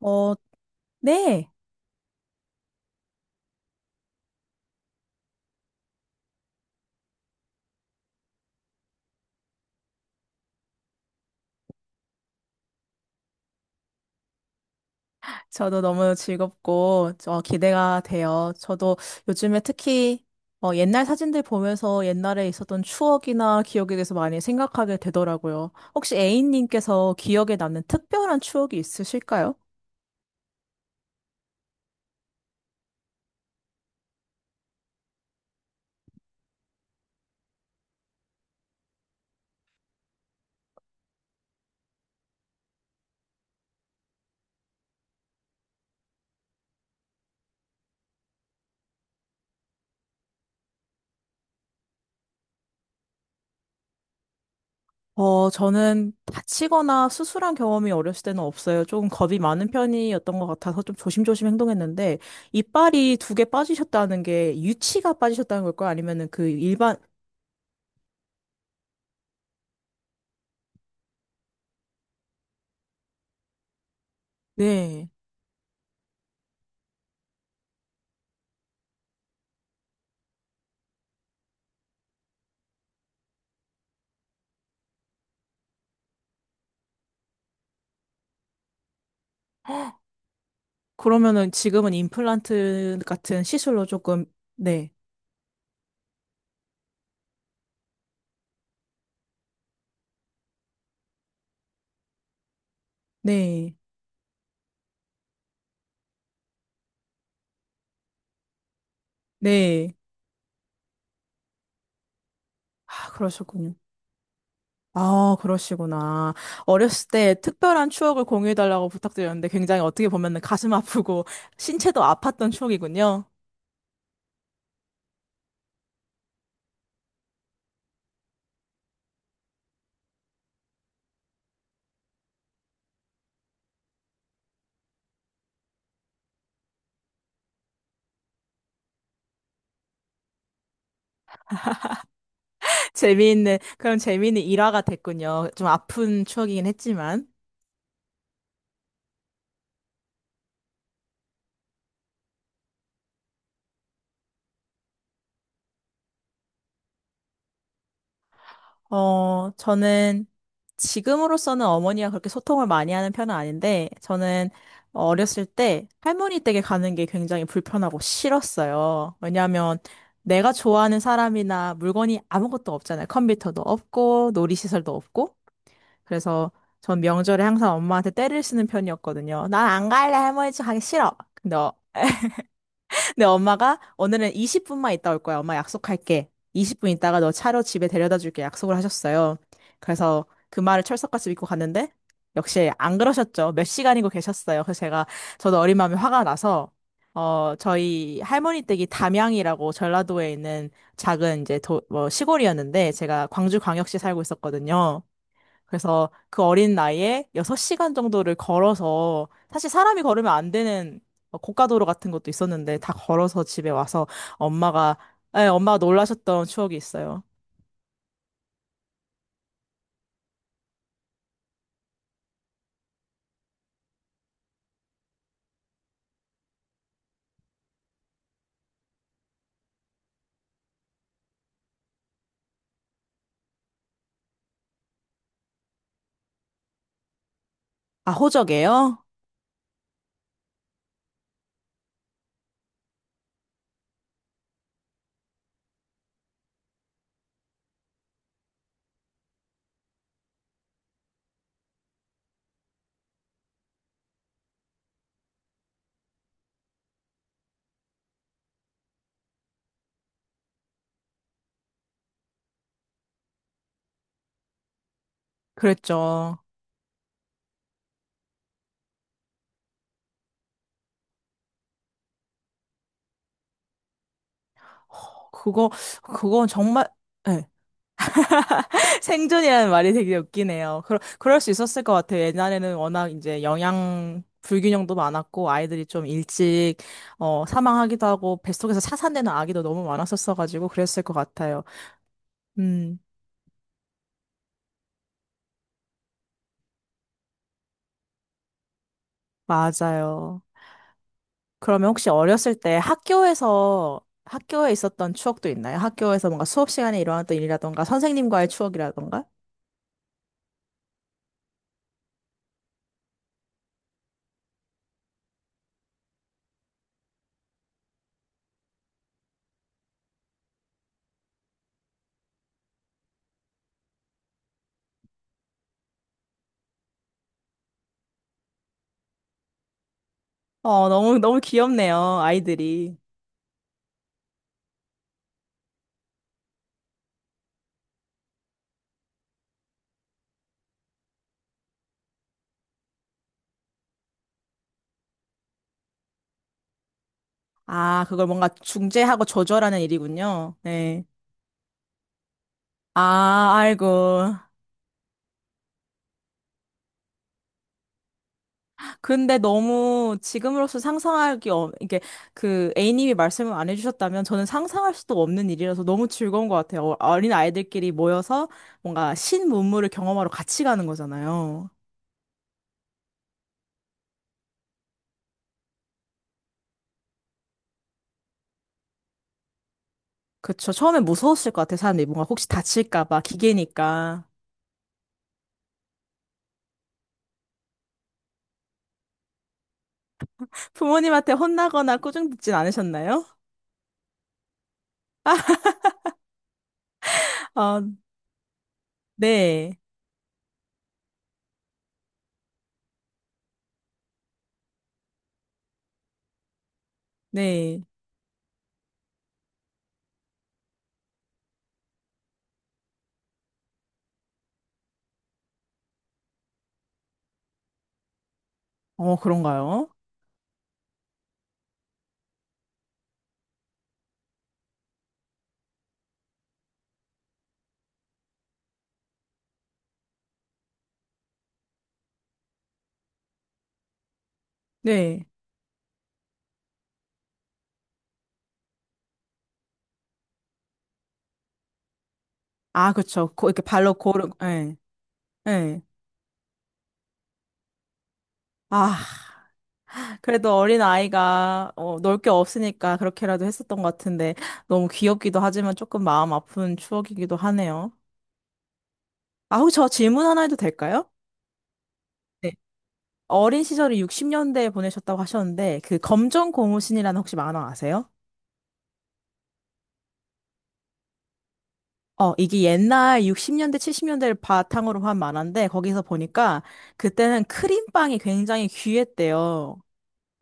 어, 네. 저도 너무 즐겁고, 저 기대가 돼요. 저도 요즘에 특히, 옛날 사진들 보면서 옛날에 있었던 추억이나 기억에 대해서 많이 생각하게 되더라고요. 혹시 A님께서 기억에 남는 특별한 추억이 있으실까요? 저는 다치거나 수술한 경험이 어렸을 때는 없어요. 조금 겁이 많은 편이었던 것 같아서 좀 조심조심 행동했는데, 이빨이 2개 빠지셨다는 게 유치가 빠지셨다는 걸까요? 아니면은 그 일반, 네. 그러면은 지금은 임플란트 같은 시술로 조금, 네, 네, 네. 아, 그러셨군요. 아, 그러시구나. 어렸을 때 특별한 추억을 공유해달라고 부탁드렸는데 굉장히 어떻게 보면은 가슴 아프고 신체도 아팠던 추억이군요. 그럼 재미있는 일화가 됐군요. 좀 아픈 추억이긴 했지만. 저는 지금으로서는 어머니와 그렇게 소통을 많이 하는 편은 아닌데, 저는 어렸을 때 할머니 댁에 가는 게 굉장히 불편하고 싫었어요. 왜냐하면 내가 좋아하는 사람이나 물건이 아무것도 없잖아요. 컴퓨터도 없고, 놀이시설도 없고. 그래서 전 명절에 항상 엄마한테 떼를 쓰는 편이었거든요. 난 안 갈래, 할머니 집 가기 싫어. 근데 엄마가 오늘은 20분만 있다 올 거야. 엄마 약속할게. 20분 있다가 너 차로 집에 데려다 줄게. 약속을 하셨어요. 그래서 그 말을 철석같이 믿고 갔는데 역시 안 그러셨죠. 몇 시간이고 계셨어요. 그래서 제가 저도 어린 마음에 화가 나서 저희 할머니 댁이 담양이라고 전라도에 있는 작은 이제 도, 뭐 시골이었는데 제가 광주광역시 살고 있었거든요. 그래서 그 어린 나이에 6시간 정도를 걸어서 사실 사람이 걸으면 안 되는 뭐 고가도로 같은 것도 있었는데 다 걸어서 집에 와서 엄마가 예, 엄마가 놀라셨던 추억이 있어요. 아, 호적이에요? 그랬죠. 허, 그거 그건 정말. 예. 생존이라는 말이 되게 웃기네요. 그럴 수 있었을 것 같아요. 옛날에는 워낙 이제 영양 불균형도 많았고 아이들이 좀 일찍 사망하기도 하고 뱃속에서 차산되는 아기도 너무 많았었어가지고 그랬을 것 같아요. 음, 맞아요. 그러면 혹시 어렸을 때 학교에 있었던 추억도 있나요? 학교에서 뭔가 수업 시간에 일어났던 일이라던가, 선생님과의 추억이라던가? 너무, 너무 귀엽네요, 아이들이. 아, 그걸 뭔가 중재하고 조절하는 일이군요. 네. 아, 아이고. 근데 너무 지금으로서 상상하기, 이게 그 A님이 말씀을 안 해주셨다면 저는 상상할 수도 없는 일이라서 너무 즐거운 것 같아요. 어린 아이들끼리 모여서 뭔가 신문물을 경험하러 같이 가는 거잖아요. 그쵸. 처음에 무서웠을 것 같아요. 사람들이 뭔가 혹시 다칠까 봐 기계니까. 부모님한테 혼나거나 꾸중 듣진 않으셨나요? 아, 네. 네. 어, 그런가요? 네. 아, 그쵸. 고, 이렇게 발로 고르, 예. 예. 아. 그래도 어린 아이가 놀 게 없으니까 그렇게라도 했었던 것 같은데 너무 귀엽기도 하지만 조금 마음 아픈 추억이기도 하네요. 아, 혹시 저 질문 하나 해도 될까요? 네. 어린 시절을 60년대에 보내셨다고 하셨는데 그 검정 고무신이라는 혹시 만화 아세요? 이게 옛날 60년대, 70년대를 바탕으로 한 만화인데 거기서 보니까 그때는 크림빵이 굉장히 귀했대요.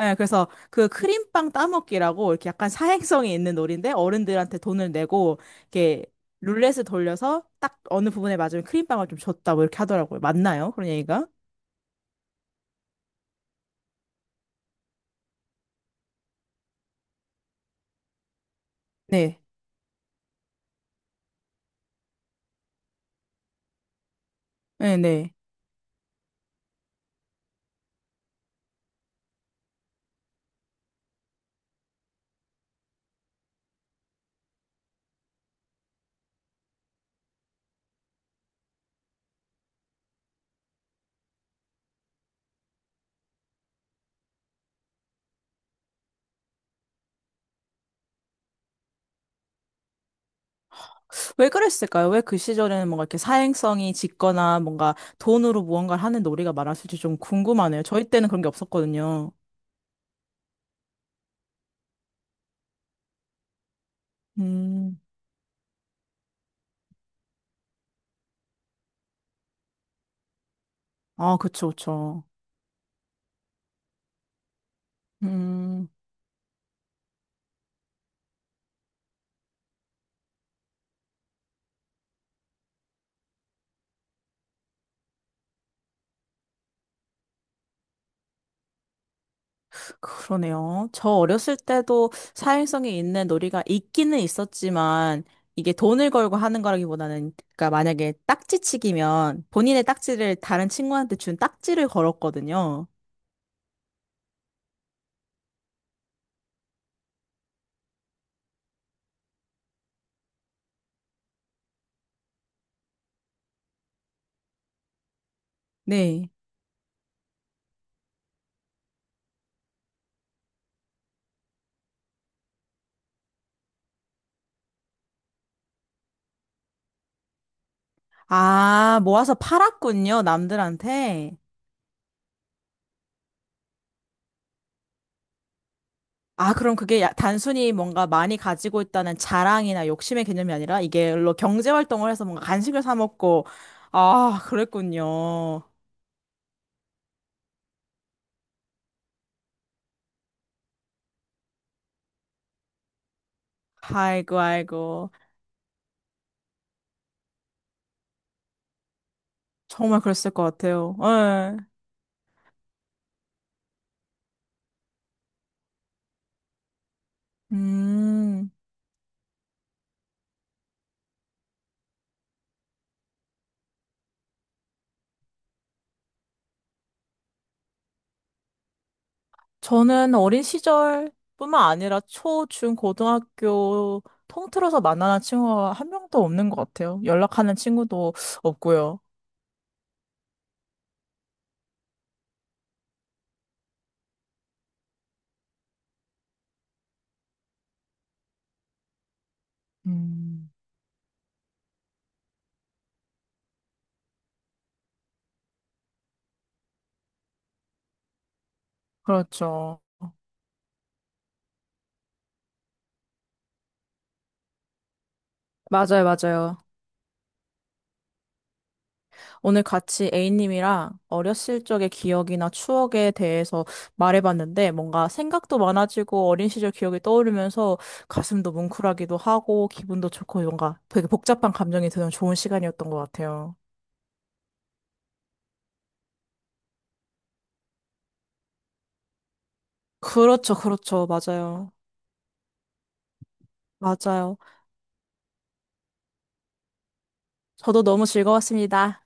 예, 그래서 그 크림빵 따먹기라고 이렇게 약간 사행성이 있는 놀인데 어른들한테 돈을 내고 이렇게 룰렛을 돌려서 딱 어느 부분에 맞으면 크림빵을 좀 줬다 뭐 이렇게 하더라고요. 맞나요? 그런 얘기가? 네. 네, 네. 왜 그랬을까요? 왜 그 시절에는 뭔가 이렇게 사행성이 짙거나 뭔가 돈으로 무언가를 하는 놀이가 많았을지 좀 궁금하네요. 저희 때는 그런 게 없었거든요. 음. 아, 그쵸, 그쵸. 음. 그러네요. 저 어렸을 때도 사행성이 있는 놀이가 있기는 있었지만, 이게 돈을 걸고 하는 거라기보다는, 그러니까 만약에 딱지치기면 본인의 딱지를 다른 친구한테 준 딱지를 걸었거든요. 네. 아, 모아서 팔았군요, 남들한테. 아, 그럼 그게 단순히 뭔가 많이 가지고 있다는 자랑이나 욕심의 개념이 아니라 이게로 경제 활동을 해서 뭔가 간식을 사 먹고, 아, 그랬군요. 아이고, 아이고. 정말 그랬을 것 같아요. 예. 음, 저는 어린 시절뿐만 아니라 초, 중, 고등학교 통틀어서 만나는 친구가 한 명도 없는 것 같아요. 연락하는 친구도 없고요. 음, 그렇죠. 맞아요, 맞아요. 오늘 같이 A님이랑 어렸을 적의 기억이나 추억에 대해서 말해봤는데 뭔가 생각도 많아지고 어린 시절 기억이 떠오르면서 가슴도 뭉클하기도 하고 기분도 좋고 뭔가 되게 복잡한 감정이 드는 좋은 시간이었던 것 같아요. 그렇죠, 그렇죠. 맞아요. 맞아요. 저도 너무 즐거웠습니다.